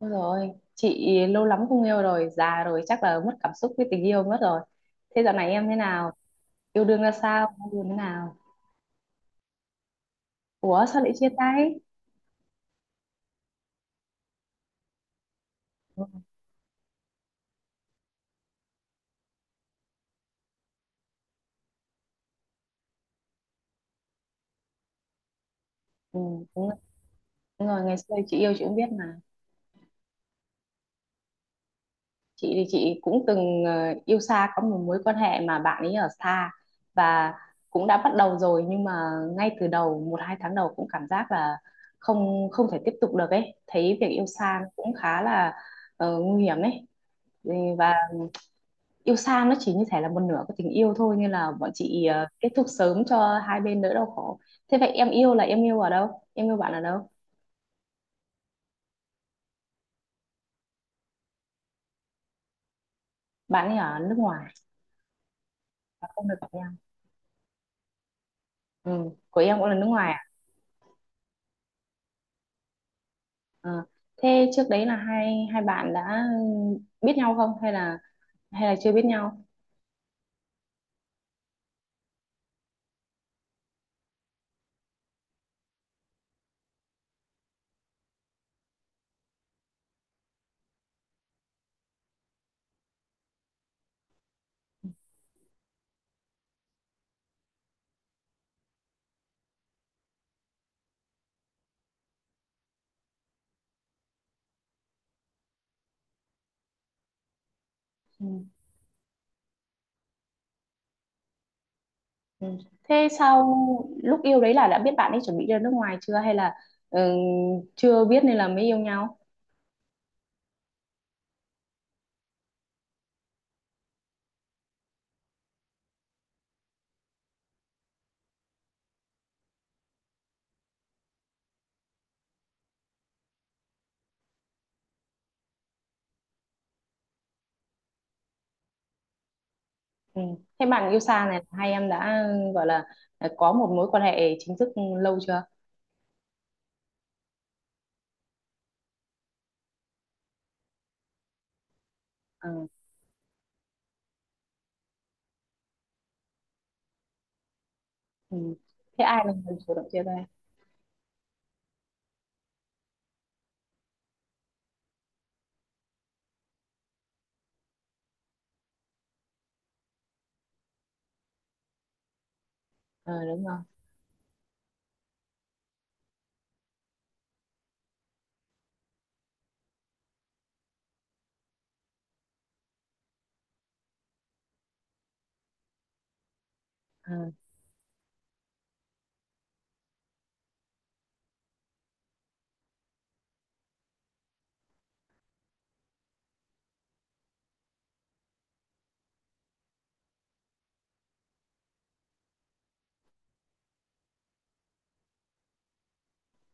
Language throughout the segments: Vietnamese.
Đúng rồi, chị lâu lắm không yêu rồi, già rồi chắc là mất cảm xúc với tình yêu mất rồi. Thế dạo này em thế nào? Yêu đương ra sao? Yêu đương thế nào? Ủa sao lại chia tay? Ừ, ừ, đúng rồi, đúng rồi, ngày xưa chị yêu chị cũng biết mà. Chị thì chị cũng từng yêu xa có một mối quan hệ mà bạn ấy ở xa và cũng đã bắt đầu rồi nhưng mà ngay từ đầu một hai tháng đầu cũng cảm giác là không không thể tiếp tục được ấy. Thấy việc yêu xa nó cũng khá là nguy hiểm ấy. Ừ, và yêu xa nó chỉ như thể là một nửa của tình yêu thôi nên là bọn chị kết thúc sớm cho hai bên đỡ đau khổ. Thế vậy em yêu là em yêu ở đâu? Em yêu bạn ở đâu? Bạn ấy ở nước ngoài và không được gặp nhau. Ừ. Của em cũng là nước ngoài à? Ờ. Thế trước đấy là hai hai bạn đã biết nhau không, hay là chưa biết nhau? Ừ. Ừ. Thế sau lúc yêu đấy là đã biết bạn ấy chuẩn bị ra nước ngoài chưa hay là, ừ, chưa biết nên là mới yêu nhau? Ừ. Thế bạn yêu xa này hai em đã gọi là có một mối quan hệ chính thức lâu chưa? Ờ. Ừ. Thế ai là người chủ động chia tay? Ờ, đúng rồi. Ờ.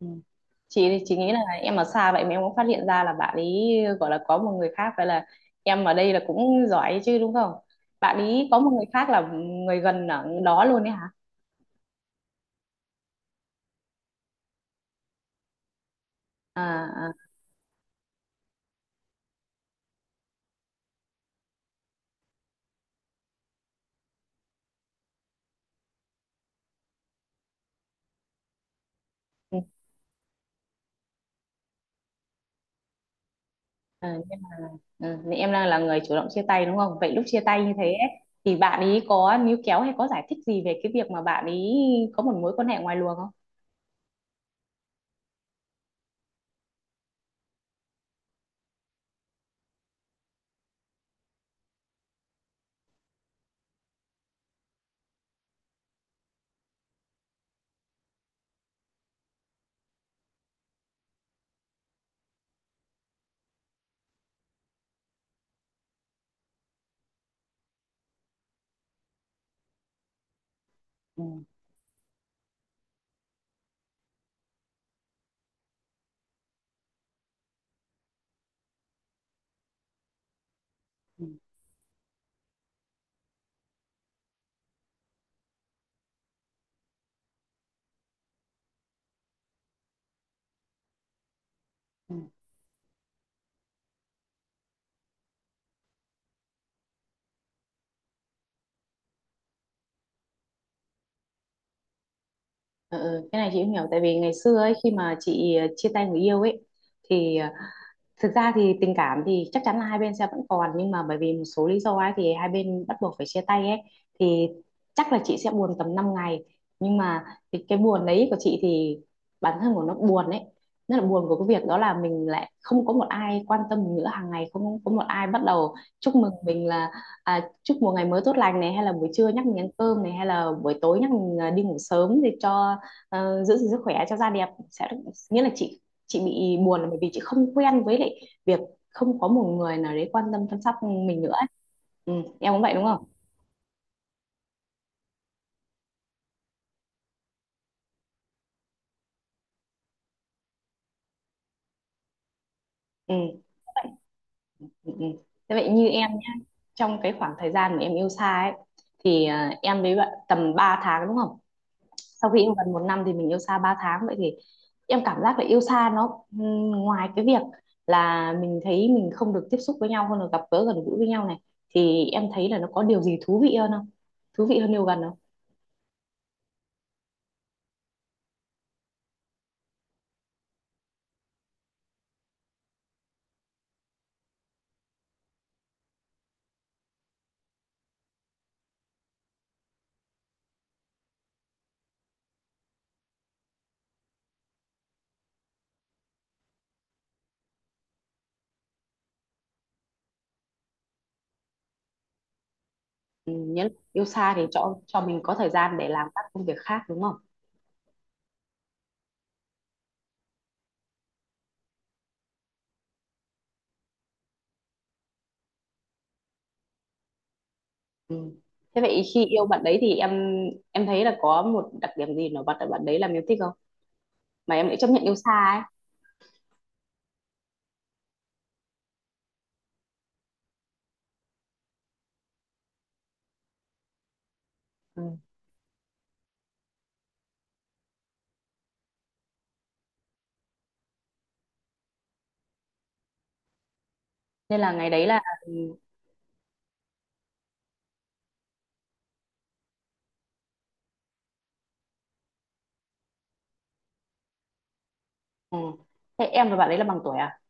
Ừ. Chị thì chị nghĩ là em ở xa vậy mà em cũng phát hiện ra là bạn ấy gọi là có một người khác, vậy là em ở đây là cũng giỏi chứ đúng không? Bạn ấy có một người khác là người gần ở đó luôn đấy hả? À, à, ừ. Ờ, ừ, thì em đang là người chủ động chia tay đúng không? Vậy lúc chia tay như thế ấy, thì bạn ý có níu kéo hay có giải thích gì về cái việc mà bạn ý có một mối quan hệ ngoài luồng không? Ừ, ừ, ừ. Ừ, ừ, cái này chị cũng hiểu, tại vì ngày xưa ấy khi mà chị chia tay người yêu ấy thì thực ra thì tình cảm thì chắc chắn là hai bên sẽ vẫn còn, nhưng mà bởi vì một số lý do ấy thì hai bên bắt buộc phải chia tay ấy, thì chắc là chị sẽ buồn tầm 5 ngày. Nhưng mà cái buồn đấy của chị thì bản thân của nó buồn ấy, nó là buồn của cái việc đó là mình lại không có một ai quan tâm mình nữa, hàng ngày không có một ai bắt đầu chúc mừng mình là chúc một ngày mới tốt lành này, hay là buổi trưa nhắc mình ăn cơm này, hay là buổi tối nhắc mình đi ngủ sớm để cho giữ gìn sức khỏe cho da đẹp sẽ, nghĩa là chị bị buồn là bởi vì chị không quen với lại việc không có một người nào đấy quan tâm chăm sóc mình nữa ấy. Ừ, em cũng vậy đúng không? Ừ. Vậy, ừ. Ừ. Thế vậy như em nhá, trong cái khoảng thời gian mà em yêu xa ấy thì, em với bạn tầm 3 tháng đúng không, sau khi yêu gần một năm thì mình yêu xa 3 tháng, vậy thì em cảm giác là yêu xa nó, ừ, ngoài cái việc là mình thấy mình không được tiếp xúc với nhau hơn là gặp gỡ gần gũi với nhau này thì em thấy là nó có điều gì thú vị hơn không, thú vị hơn yêu gần? Ừ, nghĩa là yêu xa thì cho mình có thời gian để làm các công việc khác đúng không? Ừ. Thế vậy khi yêu bạn đấy thì em thấy là có một đặc điểm gì nổi bật ở bạn đấy làm em thích không? Mà em lại chấp nhận yêu xa ấy. Ừ. Nên là ngày đấy là, ừ. Ừ. Thế em và bạn đấy là bằng tuổi à?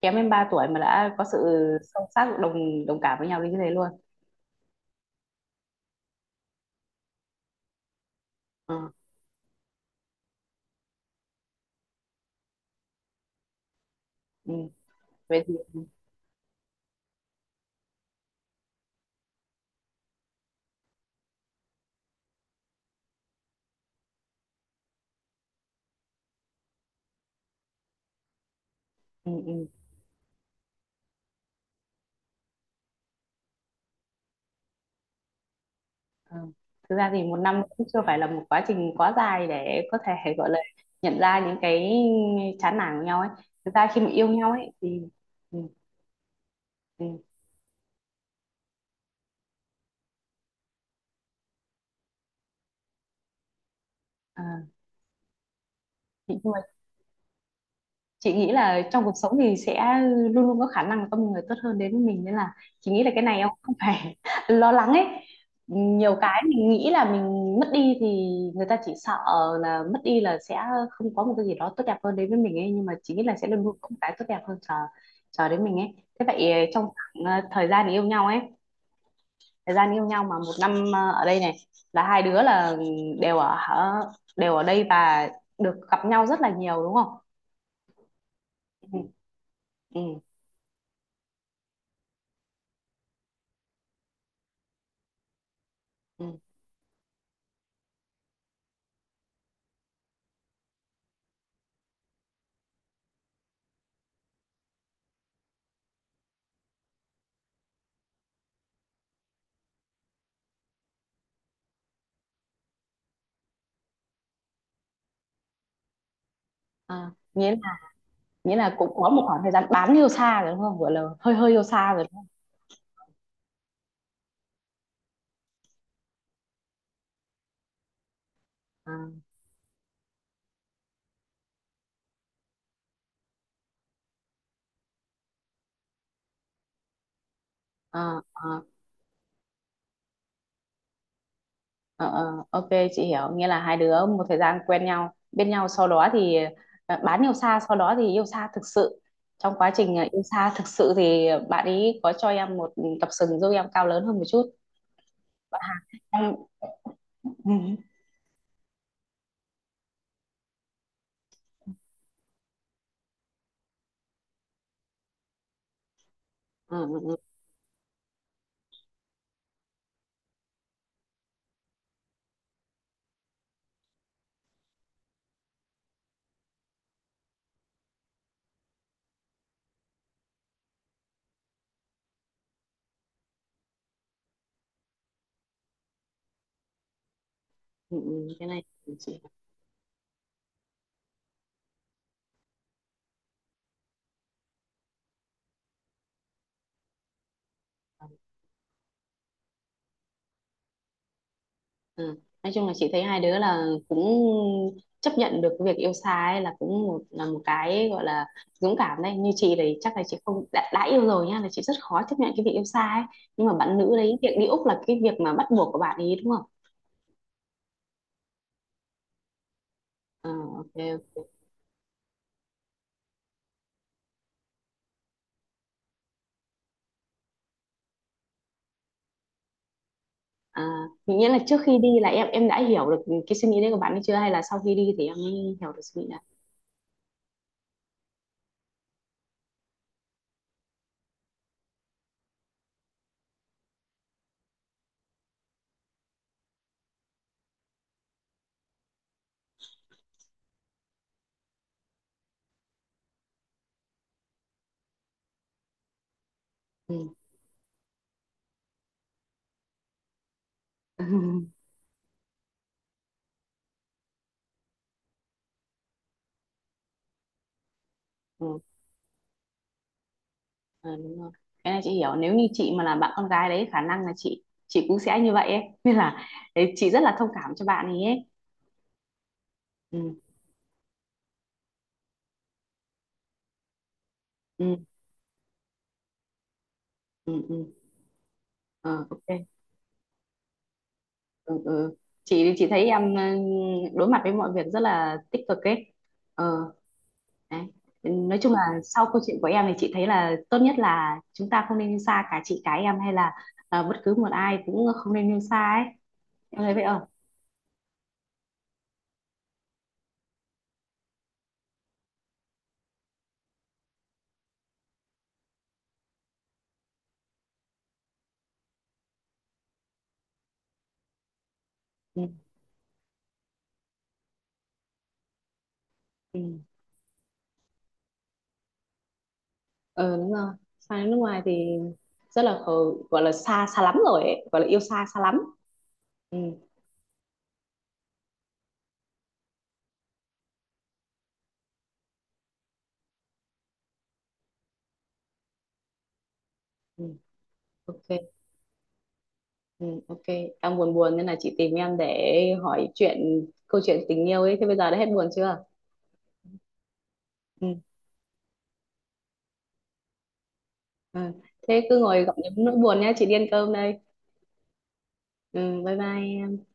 Kém em 3 tuổi mà đã có sự sâu sắc đồng đồng cảm với nhau đến như thế luôn. Ừ. Ừ. Vậy thì, ừ. Ừ. Ừ. Thực ra thì một năm cũng chưa phải là một quá trình quá dài để có thể gọi là nhận ra những cái chán nản của nhau ấy. Thực ra khi mà yêu nhau ấy thì, ừ, ừ, à, nhưng chị nghĩ là trong cuộc sống thì sẽ luôn luôn có khả năng là có một người tốt hơn đến với mình, nên là chị nghĩ là cái này em không phải lo lắng ấy, nhiều cái mình nghĩ là mình mất đi thì người ta chỉ sợ là mất đi là sẽ không có một cái gì đó tốt đẹp hơn đến với mình ấy, nhưng mà chị nghĩ là sẽ luôn luôn có một cái tốt đẹp hơn chờ chờ đến mình ấy. Thế vậy trong khoảng, thời gian yêu nhau ấy, thời gian yêu nhau mà một năm ở đây này là hai đứa là đều ở đều ở đây và được gặp nhau rất là nhiều đúng không? Ừ, ừ. Ừ. À, nghĩa là cũng có một khoảng thời gian bán yêu xa rồi đúng không? Gọi là hơi hơi yêu xa rồi đúng không? À, à, à, ờ, ok chị hiểu. Nghĩa là hai đứa một thời gian quen nhau, bên nhau, sau đó thì bán yêu xa, sau đó thì yêu xa thực sự. Trong quá trình yêu xa thực sự thì bạn ấy có cho em một cặp sừng giúp em cao lớn hơn một chút. Em- Ừ, ừ, ừ, ừ, ừ, cái này chị. Ừ. Nói chung là chị thấy hai đứa là cũng chấp nhận được cái việc yêu xa ấy là cũng một là một cái gọi là dũng cảm đấy, như chị thì chắc là chị không, đã yêu rồi nhá, là chị rất khó chấp nhận cái việc yêu xa ấy, nhưng mà bạn nữ đấy việc đi Úc là cái việc mà bắt buộc của bạn ấy đúng không? Ờ, ok, à, nghĩa là trước khi đi là em đã hiểu được cái suy nghĩ đấy của bạn ấy chưa, hay là sau khi đi thì em mới hiểu được suy nghĩ đấy? Ừ. Ờ, đúng rồi. Cái này chị hiểu, nếu như chị mà là bạn con gái đấy khả năng là chị cũng sẽ như vậy ấy, nên là đấy, chị rất là thông cảm cho bạn ấy, ấy. Ừ, ừ, ừ, ừ. Ờ, ok, ừ, ừ. Chị thì chị thấy em, đối mặt với mọi việc rất là tích cực ấy, ờ, đấy. Nói chung là sau câu chuyện của em thì chị thấy là tốt nhất là chúng ta không nên yêu xa, cả chị cả em hay là bất cứ một ai cũng không nên yêu xa ấy, em thấy vậy không? Ừ, ừ. Ờ, đúng rồi, sang đến nước ngoài thì rất là gọi là xa xa lắm rồi ấy, gọi là yêu xa xa lắm. Ừ, ừ, ok, ừ, ok, đang buồn buồn nên là chị tìm em để hỏi chuyện câu chuyện tình yêu ấy, thế bây giờ đã hết buồn chưa? Ừ, ừ. Thế cứ ngồi gặm nhấm nỗi buồn nhá, chị đi ăn cơm đây. Ừ, bye bye em.